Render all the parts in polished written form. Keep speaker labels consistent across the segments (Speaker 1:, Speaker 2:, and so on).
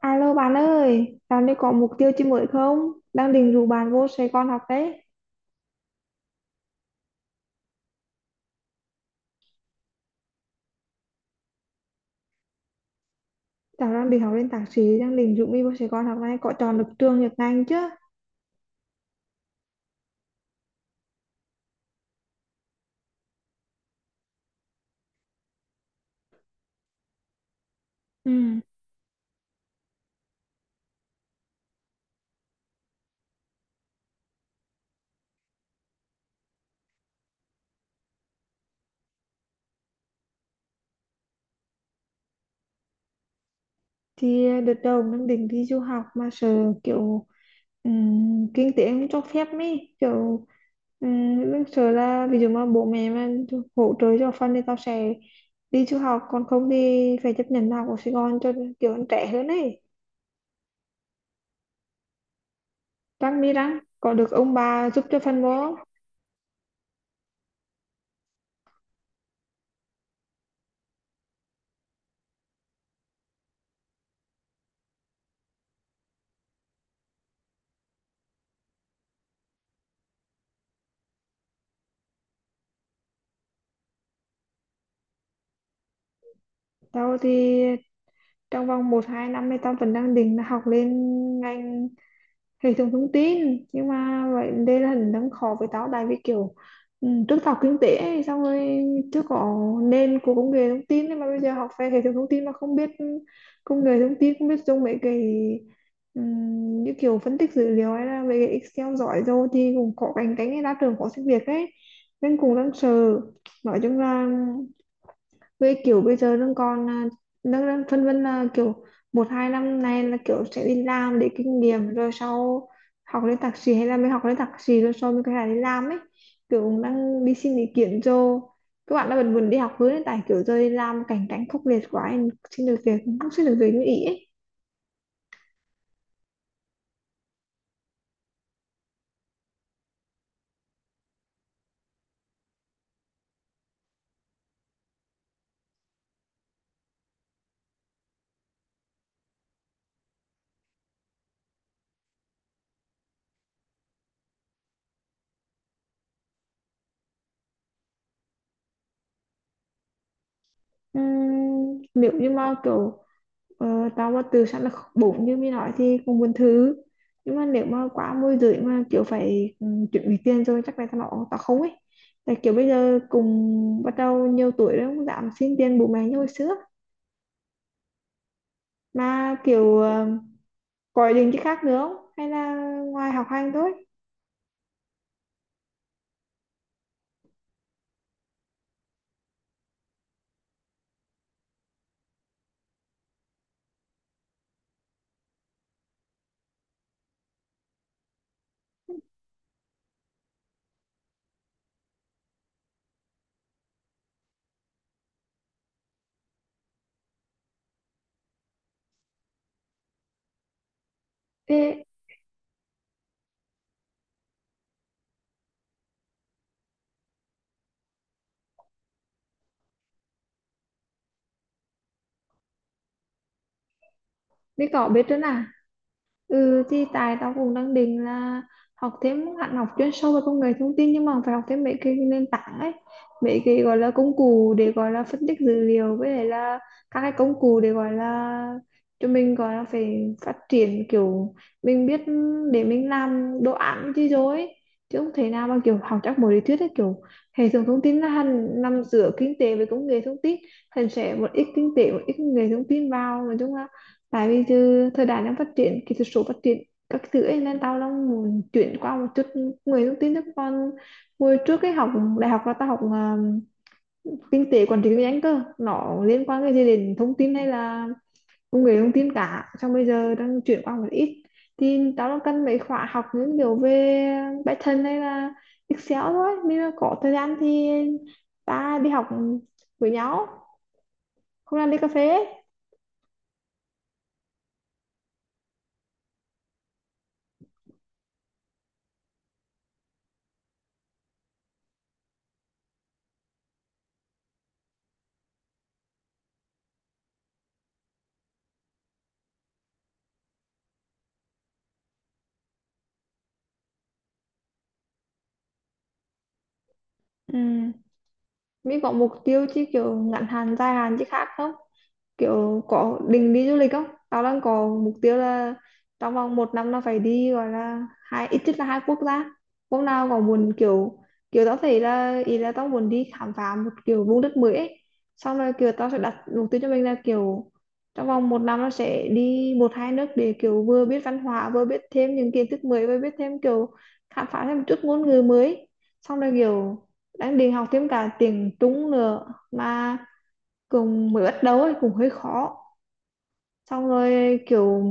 Speaker 1: Alo bạn ơi, dạo này có mục tiêu chi mới không? Đang định rủ bạn vô Sài Gòn học đấy. Cháu đang định học lên thạc sĩ, đang định rủ mi vô Sài Gòn học này, có chọn được trường nhật ngành chứ? Ừ, thì đợt đầu đang định đi du học mà sợ kiểu kinh tế không cho phép mi kiểu đang sợ là ví dụ mà bố mẹ mà hỗ trợ cho phần thì tao sẽ đi du học, còn không thì phải chấp nhận học ở Sài Gòn cho kiểu anh trẻ hơn ấy. Răng mi răng, có được ông bà giúp cho phần bố? Tao thì trong vòng một hai năm thì tao vẫn đang định là học lên ngành hệ thống thông tin, nhưng mà vậy đây là hình đang khó với tao, tại vì kiểu ừ, trước tao học kinh tế ấy, xong rồi trước có nền của công nghệ thông tin, nhưng mà bây giờ học về hệ thống thông tin mà không biết công nghệ thông tin, không biết dùng mấy cái như kiểu phân tích dữ liệu hay là mấy cái Excel giỏi rồi thì cũng có cạnh cánh ra trường khó xin việc ấy, nên cũng đang sợ, nói chung là với kiểu bây giờ đang còn đang đang phân vân là kiểu một hai năm nay là kiểu sẽ đi làm để kinh nghiệm rồi sau học lên thạc sĩ, hay là mới học lên thạc sĩ rồi sau mới có thể đi làm ấy, kiểu cũng đang đi xin ý kiến cho các bạn đã vẫn buồn đi học hướng hiện tại, kiểu giờ đi làm cảnh cảnh khốc liệt quá, em xin được việc cũng không xin được việc như ý ấy. Ừm, nếu như mà kiểu tao mà từ sẵn là bụng như mình nói thì cũng muốn thử, nhưng mà nếu mà quá môi rưỡi mà kiểu phải chuẩn bị tiền rồi chắc là tao bảo tao không ấy, tại kiểu bây giờ cùng bắt đầu nhiều tuổi rồi, không dám xin tiền bố mẹ như hồi xưa, mà kiểu có ý định chứ khác nữa không hay là ngoài học hành thôi. Ê, đi cỏ biết nữa nè. Ừ thì tại tao cũng đang định là học thêm hẳn, học chuyên sâu về công nghệ thông tin, nhưng mà phải học thêm mấy cái nền tảng ấy, mấy cái gọi là công cụ để gọi là phân tích dữ liệu với lại là các cái công cụ để gọi là cho mình gọi là phải phát triển kiểu mình biết để mình làm đồ án chứ rồi ấy. Chứ không thể nào mà kiểu học chắc một lý thuyết ấy, kiểu hệ thống thông tin là hẳn nằm giữa kinh tế với công nghệ thông tin, thành sẽ một ít kinh tế một ít công nghệ thông tin vào, nói chung là tại vì giờ thời đại đang phát triển, kỹ thuật số phát triển các thứ ấy, nên tao đang muốn chuyển qua một chút người thông tin, chứ còn hồi trước cái học đại học là tao học kinh tế quản trị kinh doanh cơ, nó liên quan cái gì đến thông tin hay là công nghệ thông tin cả, xong bây giờ đang chuyển qua một ít, thì tao đang cần mấy khóa học những điều về Python hay là Excel thôi, nếu mà có thời gian thì ta đi học với nhau, không làm đi cà phê ấy. Ừ. Mỹ có mục tiêu chứ kiểu ngắn hạn dài hạn chứ khác không? Kiểu có định đi du lịch không, tao đang có mục tiêu là trong vòng một năm nó phải đi gọi là hai, ít nhất là hai quốc gia, hôm nào còn muốn kiểu kiểu tao thấy là ý là tao muốn đi khám phá một kiểu vùng đất mới ấy. Xong rồi kiểu tao sẽ đặt mục tiêu cho mình là kiểu trong vòng một năm nó sẽ đi một hai nước, để kiểu vừa biết văn hóa vừa biết thêm những kiến thức mới, vừa biết thêm kiểu khám phá thêm một chút ngôn ngữ mới, xong rồi kiểu đang định học thêm cả tiếng Trung nữa, mà cùng mới bắt đầu ấy cũng hơi khó, xong rồi kiểu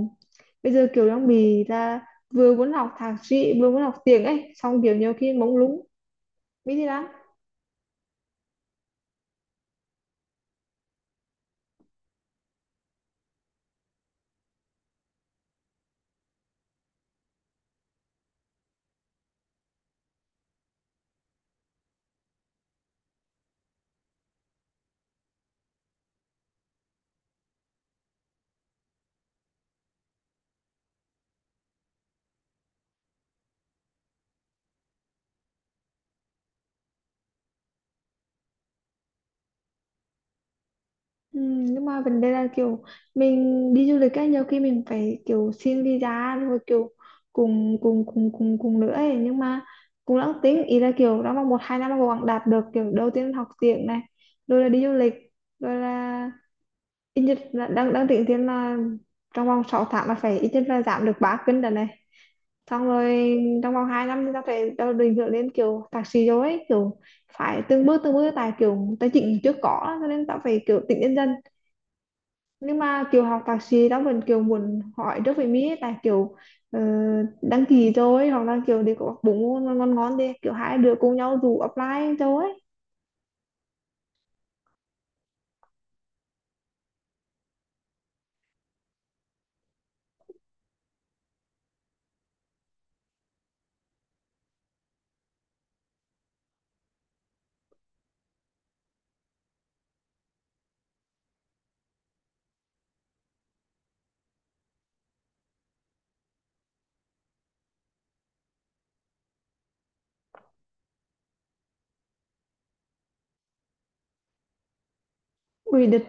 Speaker 1: bây giờ kiểu đang bị là vừa muốn học thạc sĩ vừa muốn học tiếng ấy, xong kiểu nhiều khi mông lung biết gì lắm. Ừ, nhưng mà vấn đề là kiểu mình đi du lịch ấy, nhiều khi mình phải kiểu xin visa rồi kiểu cùng cùng cùng cùng cùng nữa ấy, nhưng mà cũng đang tính ý là kiểu đã mong một hai năm mà cố gắng đạt được kiểu đầu tiên là học tiếng này, rồi là đi du lịch, rồi là ít nhất là đang đang tính tiền là trong vòng 6 tháng là phải ít nhất là giảm được 3 cân đợt này, xong rồi trong vòng 2 năm thì ta phải đâu định hướng đến kiểu thạc sĩ rồi ấy, kiểu phải từng bước từng bước, tại kiểu tài chính trước có cho nên ta phải kiểu tính nhân dân, nhưng mà kiểu học thạc sĩ ta vẫn kiểu muốn hỏi trước về Mỹ ấy, tại kiểu ờ, đăng ký rồi, hoặc là kiểu đi có bốn môn ngon ngon ngon đi, kiểu hai đứa cùng nhau dù apply rồi ấy. Ui, đợt.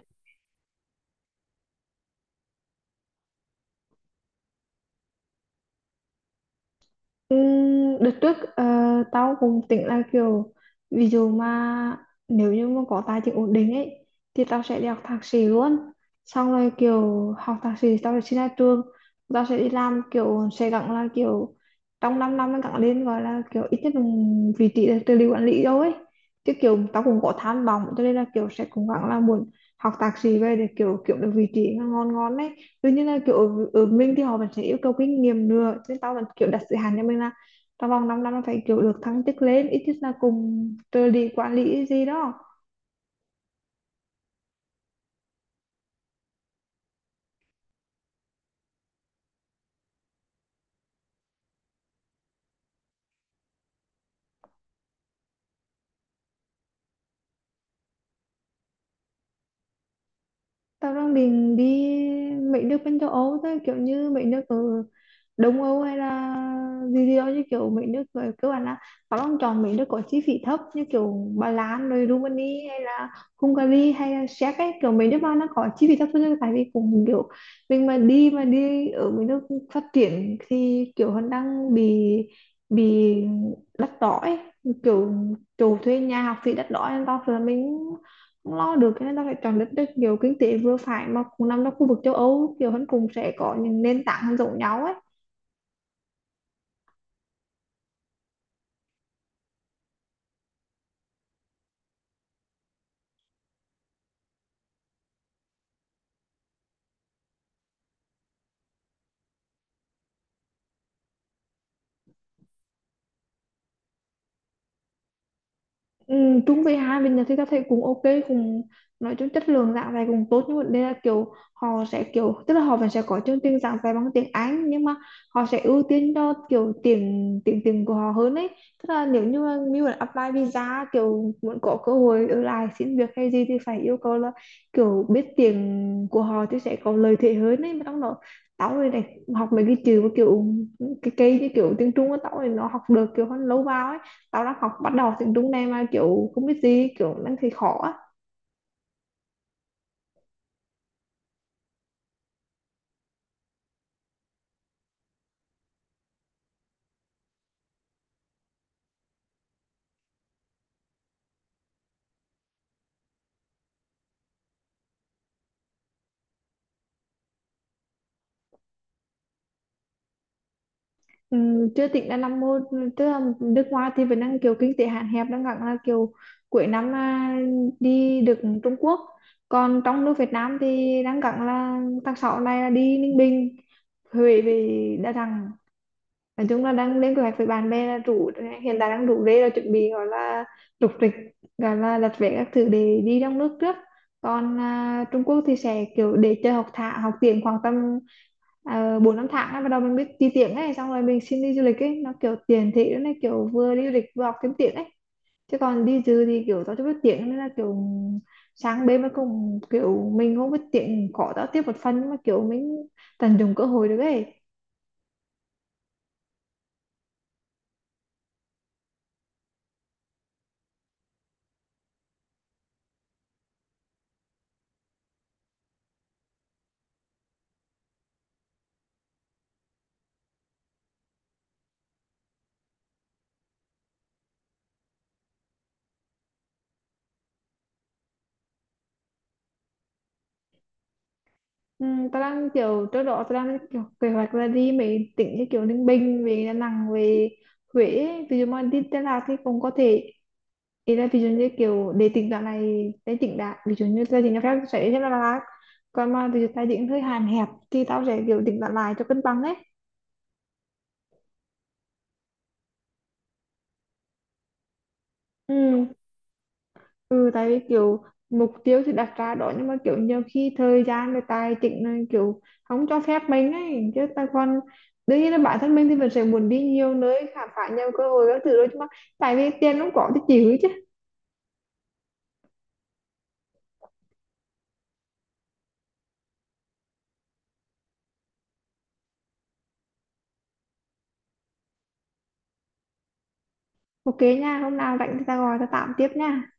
Speaker 1: Ừ, đợt trước tao cũng tính là kiểu ví dụ mà nếu như mà có tài chính ổn định ấy thì tao sẽ đi học thạc sĩ luôn, xong rồi kiểu học thạc sĩ tao sẽ xin ra trường, tao sẽ đi làm, kiểu sẽ gắng là kiểu trong 5 năm năm mới gắng lên gọi là kiểu ít nhất là vị trí là trợ lý quản lý đâu ấy, chứ kiểu tao cũng có tham vọng cho nên là kiểu sẽ cố gắng là muốn học thạc sĩ về để kiểu kiểu được vị trí ngon ngon đấy. Tuy nhiên là kiểu ở mình thì họ vẫn sẽ yêu cầu kinh nghiệm nữa, nên tao vẫn kiểu đặt giới hạn cho mình là trong vòng 5 năm nó phải kiểu được thăng chức lên ít nhất là cùng trợ lý quản lý gì đó. Tao đang định đi mấy nước bên châu Âu thôi, kiểu như mấy nước ở Đông Âu hay là gì gì đó, như kiểu mấy nước ở cơ bản là tao đang chọn mấy nước có chi phí thấp như kiểu Ba Lan rồi Rumani hay là Hungary hay là Séc ấy, kiểu mấy nước mà nó có chi phí thấp hơn, tại vì cũng kiểu mình mà đi ở mấy nước phát triển thì kiểu hắn đang bị đắt đỏ ấy, kiểu chủ thuê nhà học phí đắt đỏ, nên tao sợ là mình không lo được, cho nên ta phải chọn đất nước kiểu kinh tế vừa phải mà cũng nằm trong khu vực châu Âu, kiểu hắn cùng sẽ có những nền tảng giống nhau ấy. Ừ, chung với hai bên Nhật thì ta thấy cũng ok, cũng nói chung chất lượng giảng dạy cũng tốt, nhưng mà đây là kiểu họ sẽ kiểu tức là họ vẫn sẽ có chương trình giảng dạy bằng tiếng Anh, nhưng mà họ sẽ ưu tiên cho kiểu tiếng tiếng tiếng của họ hơn ấy, tức là nếu như mà mình muốn apply visa, kiểu muốn có cơ hội ở lại xin việc hay gì thì phải yêu cầu là kiểu biết tiếng của họ thì sẽ có lợi thế hơn ấy, mà trong đó tao này này, học mấy cái chữ mà kiểu cái cây như kiểu tiếng Trung á, tao này nó học được kiểu hơn lâu vào ấy, sau đó học bắt đầu tiếng Trung này mà kiểu không biết gì, kiểu đang thấy khó á. Ừ, chưa tính là năm mô, tức là nước ngoài thì vẫn đang kiểu kinh tế hạn hẹp, đang gắng là kiểu cuối năm đi được Trung Quốc, còn trong nước Việt Nam thì đang gắng là tháng 6 này là đi Ninh Bình, Huế, về Đà Nẵng, nói chung là đang lên kế hoạch với bạn bè là rủ, hiện tại đang rủ rê là chuẩn bị gọi là rục rịch, gọi là đặt vé các thứ để đi trong nước trước, còn Trung Quốc thì sẽ kiểu để chơi học thạ học tiếng khoảng tầm 4 5 tháng ấy, bắt đầu mình biết đi tiếng ấy, xong rồi mình xin đi du lịch ấy, nó kiểu tiền thị nó kiểu vừa đi du lịch vừa học thêm tiếng ấy, chứ còn đi dư thì kiểu tao chưa biết tiếng nên là kiểu sáng bên mà cùng kiểu mình không biết tiếng khó tao tiếp một phần, nhưng mà kiểu mình tận dụng cơ hội được ấy. Ừ, tao đang kiểu trước đó tao đang kiểu kế hoạch là đi mấy tỉnh như kiểu Ninh Bình, về Đà Nẵng, về Huế ấy. Ví dụ mà đi Đà Lạt thì cũng có thể ý là ví dụ như kiểu để tỉnh đoạn này để tỉnh đã, ví dụ như gia đình cho phép sẽ đi Đà Lạt, còn mà ví dụ tài chính hơi hạn hẹp thì tao sẽ kiểu tỉnh đoạn lại cho cân bằng đấy. Ừ, ừ, tại vì kiểu mục tiêu thì đặt ra đó, nhưng mà kiểu nhiều khi thời gian và tài chính là kiểu không cho phép mình ấy chứ ta, còn đương nhiên là bản thân mình thì mình sẽ muốn đi nhiều nơi khám phá nhiều cơ hội các thứ đó, nhưng mà tại vì tiền không có thì chịu chứ. Ok nha, hôm nào rảnh thì ta gọi ta tạm tiếp nha.